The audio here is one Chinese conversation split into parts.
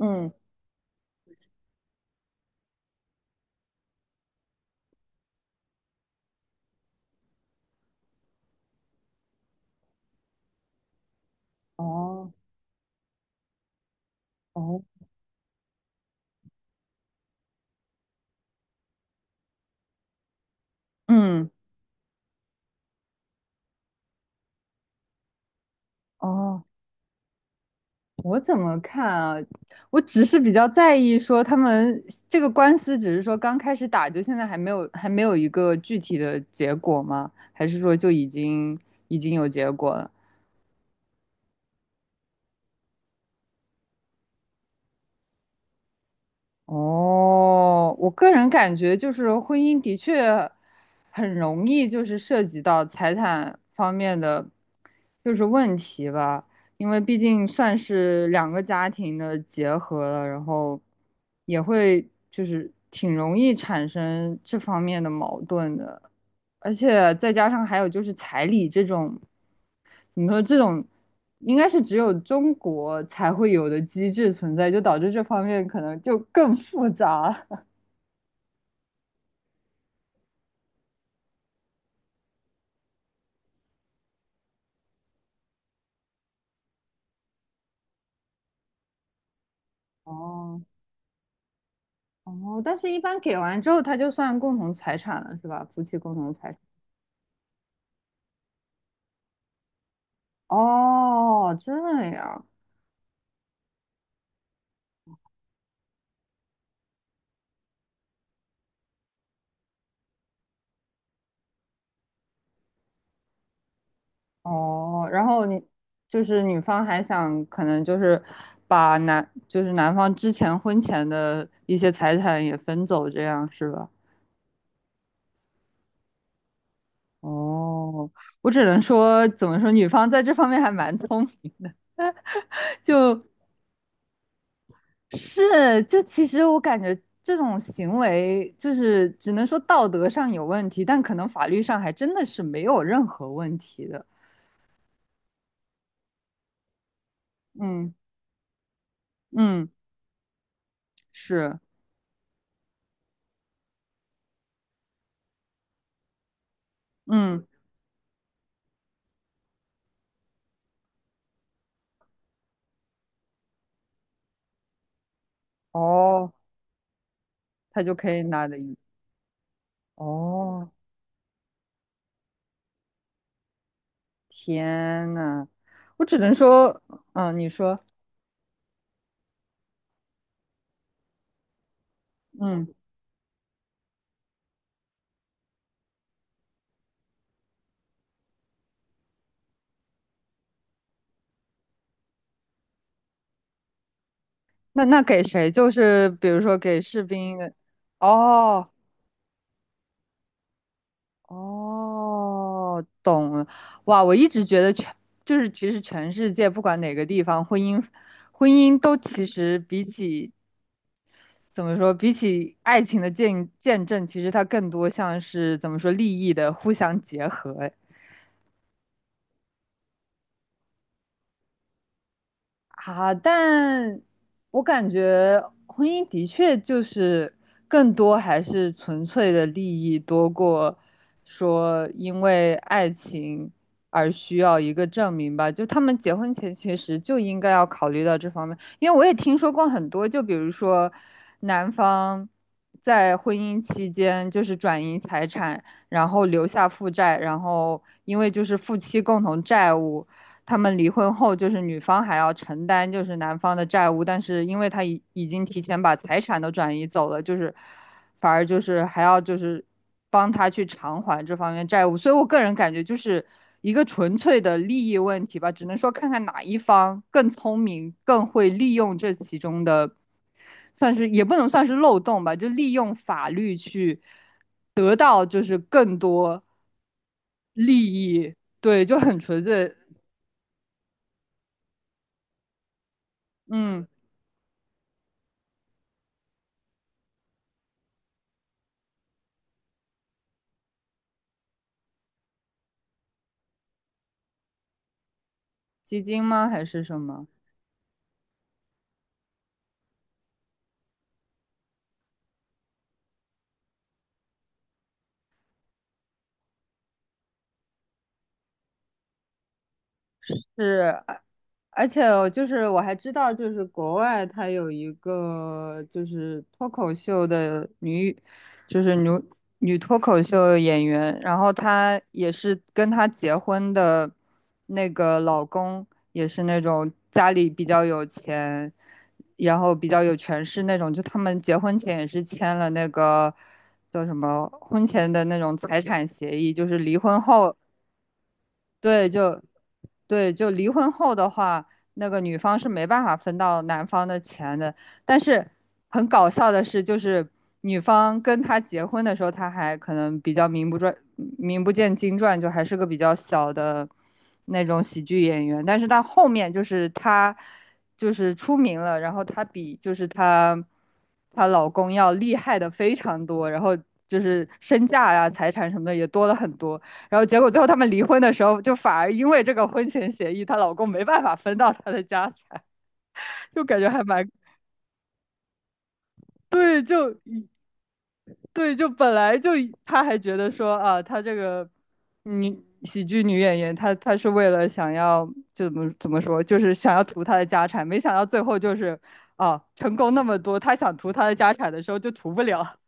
嗯。哦。哦。嗯。哦，我怎么看啊？我只是比较在意说他们这个官司，只是说刚开始打，就现在还没有一个具体的结果吗？还是说就已经有结果了？哦，我个人感觉就是婚姻的确很容易就是涉及到财产方面的就是问题吧，因为毕竟算是两个家庭的结合了，然后也会就是挺容易产生这方面的矛盾的。而且再加上还有就是彩礼这种，怎么说这种，应该是只有中国才会有的机制存在，就导致这方面可能就更复杂。哦哦，但是一般给完之后，它就算共同财产了，是吧？夫妻共同财产。哦，这样。哦，然后你就是女方还想可能就是就是男方之前婚前的一些财产也分走，这样是吧？哦，我只能说，怎么说，女方在这方面还蛮聪明的。 就是就其实我感觉这种行为，就是只能说道德上有问题，但可能法律上还真的是没有任何问题的。嗯嗯。是。嗯。哦，他就可以拿的。哦，天呐，我只能说。嗯，你说。嗯，那给谁？就是比如说给士兵的。哦。哦，懂了。哇，我一直觉得就是其实全世界不管哪个地方，婚姻都其实比起怎么说，比起爱情的见证，其实它更多像是怎么说利益的互相结合。啊，但我感觉婚姻的确就是更多还是纯粹的利益多过说因为爱情而需要一个证明吧。就他们结婚前其实就应该要考虑到这方面，因为我也听说过很多，就比如说男方在婚姻期间就是转移财产，然后留下负债，然后因为就是夫妻共同债务。他们离婚后，就是女方还要承担就是男方的债务，但是因为他已经提前把财产都转移走了，就是反而就是还要就是帮他去偿还这方面债务，所以我个人感觉就是一个纯粹的利益问题吧，只能说看看哪一方更聪明，更会利用这其中的，算是也不能算是漏洞吧，就利用法律去得到就是更多利益，对，就很纯粹。嗯，基金吗？还是什么？是，而且我还知道，就是国外它有一个就是脱口秀的女，就是女脱口秀演员，然后她也是跟她结婚的那个老公也是那种家里比较有钱，然后比较有权势那种，就他们结婚前也是签了那个叫什么婚前的那种财产协议，就是离婚后。对，就对，就离婚后的话，那个女方是没办法分到男方的钱的。但是很搞笑的是，就是女方跟他结婚的时候，他还可能比较名不见经传，就还是个比较小的那种喜剧演员。但是到后面，就是他就是出名了，然后他比就是他她老公要厉害的非常多，然后就是身价呀、财产什么的也多了很多。然后结果最后他们离婚的时候，就反而因为这个婚前协议，她老公没办法分到她的家产。就感觉还蛮对，就对，就本来就她还觉得说啊，她这个女喜剧女演员，她是为了想要就怎么说，就是想要图她的家产，没想到最后就是啊，成功那么多，她想图她的家产的时候就图不了。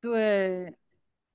对，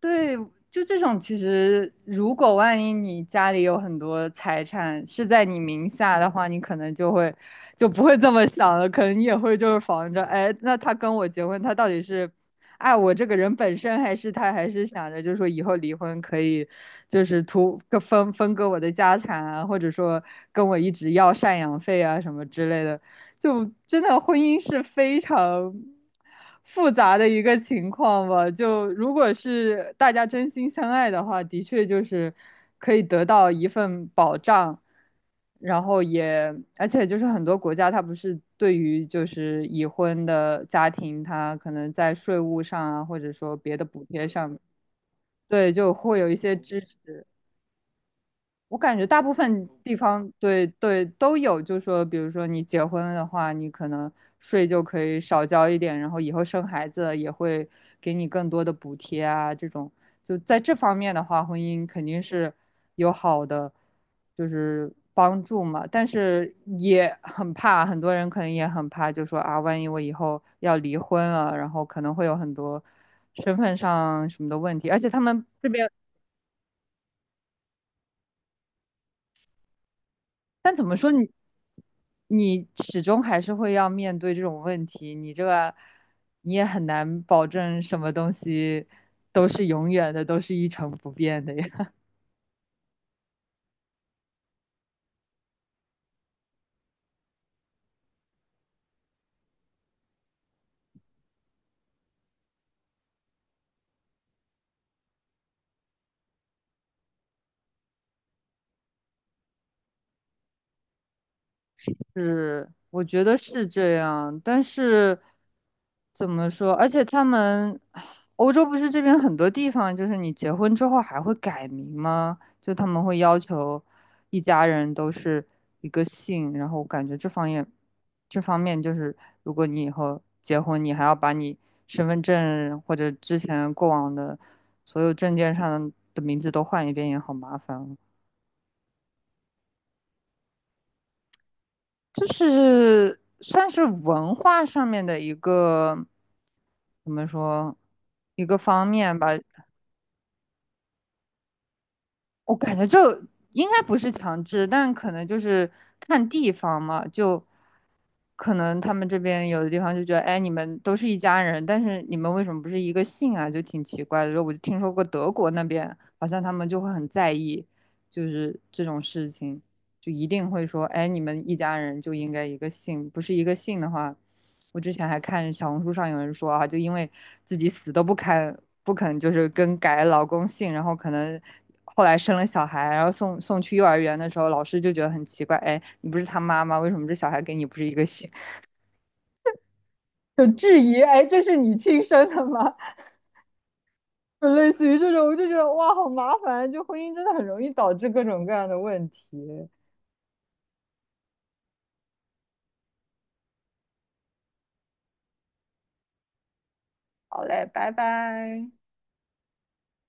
对，就这种，其实如果万一你家里有很多财产是在你名下的话，你可能就会就不会这么想了，可能你也会就是防着，哎，那他跟我结婚，他到底是爱我这个人本身，还是他还是想着就是说以后离婚可以就是图个分割我的家产啊，或者说跟我一直要赡养费啊什么之类的，就真的婚姻是非常复杂的一个情况吧。就如果是大家真心相爱的话，的确就是可以得到一份保障，然后也而且就是很多国家它不是对于就是已婚的家庭，它可能在税务上啊，或者说别的补贴上，对，就会有一些支持。我感觉大部分地方对对都有，就说比如说你结婚的话，你可能税就可以少交一点，然后以后生孩子也会给你更多的补贴啊，这种就在这方面的话，婚姻肯定是有好的就是帮助嘛，但是也很怕，很多人可能也很怕，就说啊，万一我以后要离婚了，然后可能会有很多身份上什么的问题，而且他们这边。但怎么说你始终还是会要面对这种问题，你这个你也很难保证什么东西都是永远的，都是一成不变的呀。是，我觉得是这样，但是怎么说？而且他们欧洲不是这边很多地方，就是你结婚之后还会改名吗？就他们会要求一家人都是一个姓，然后我感觉这方面就是，如果你以后结婚，你还要把你身份证或者之前过往的所有证件上的名字都换一遍，也好麻烦。就是算是文化上面的一个，怎么说，一个方面吧。我感觉就应该不是强制，但可能就是看地方嘛，就可能他们这边有的地方就觉得，哎，你们都是一家人，但是你们为什么不是一个姓啊？就挺奇怪的。然后我就听说过德国那边好像他们就会很在意，就是这种事情。就一定会说，哎，你们一家人就应该一个姓，不是一个姓的话，我之前还看小红书上有人说啊，就因为自己死都不肯就是更改老公姓，然后可能后来生了小孩，然后送去幼儿园的时候，老师就觉得很奇怪，哎，你不是他妈妈，为什么这小孩跟你不是一个姓？就质疑，哎，这是你亲生的吗？就类似于这种，我就觉得哇，好麻烦，就婚姻真的很容易导致各种各样的问题。好嘞，拜拜。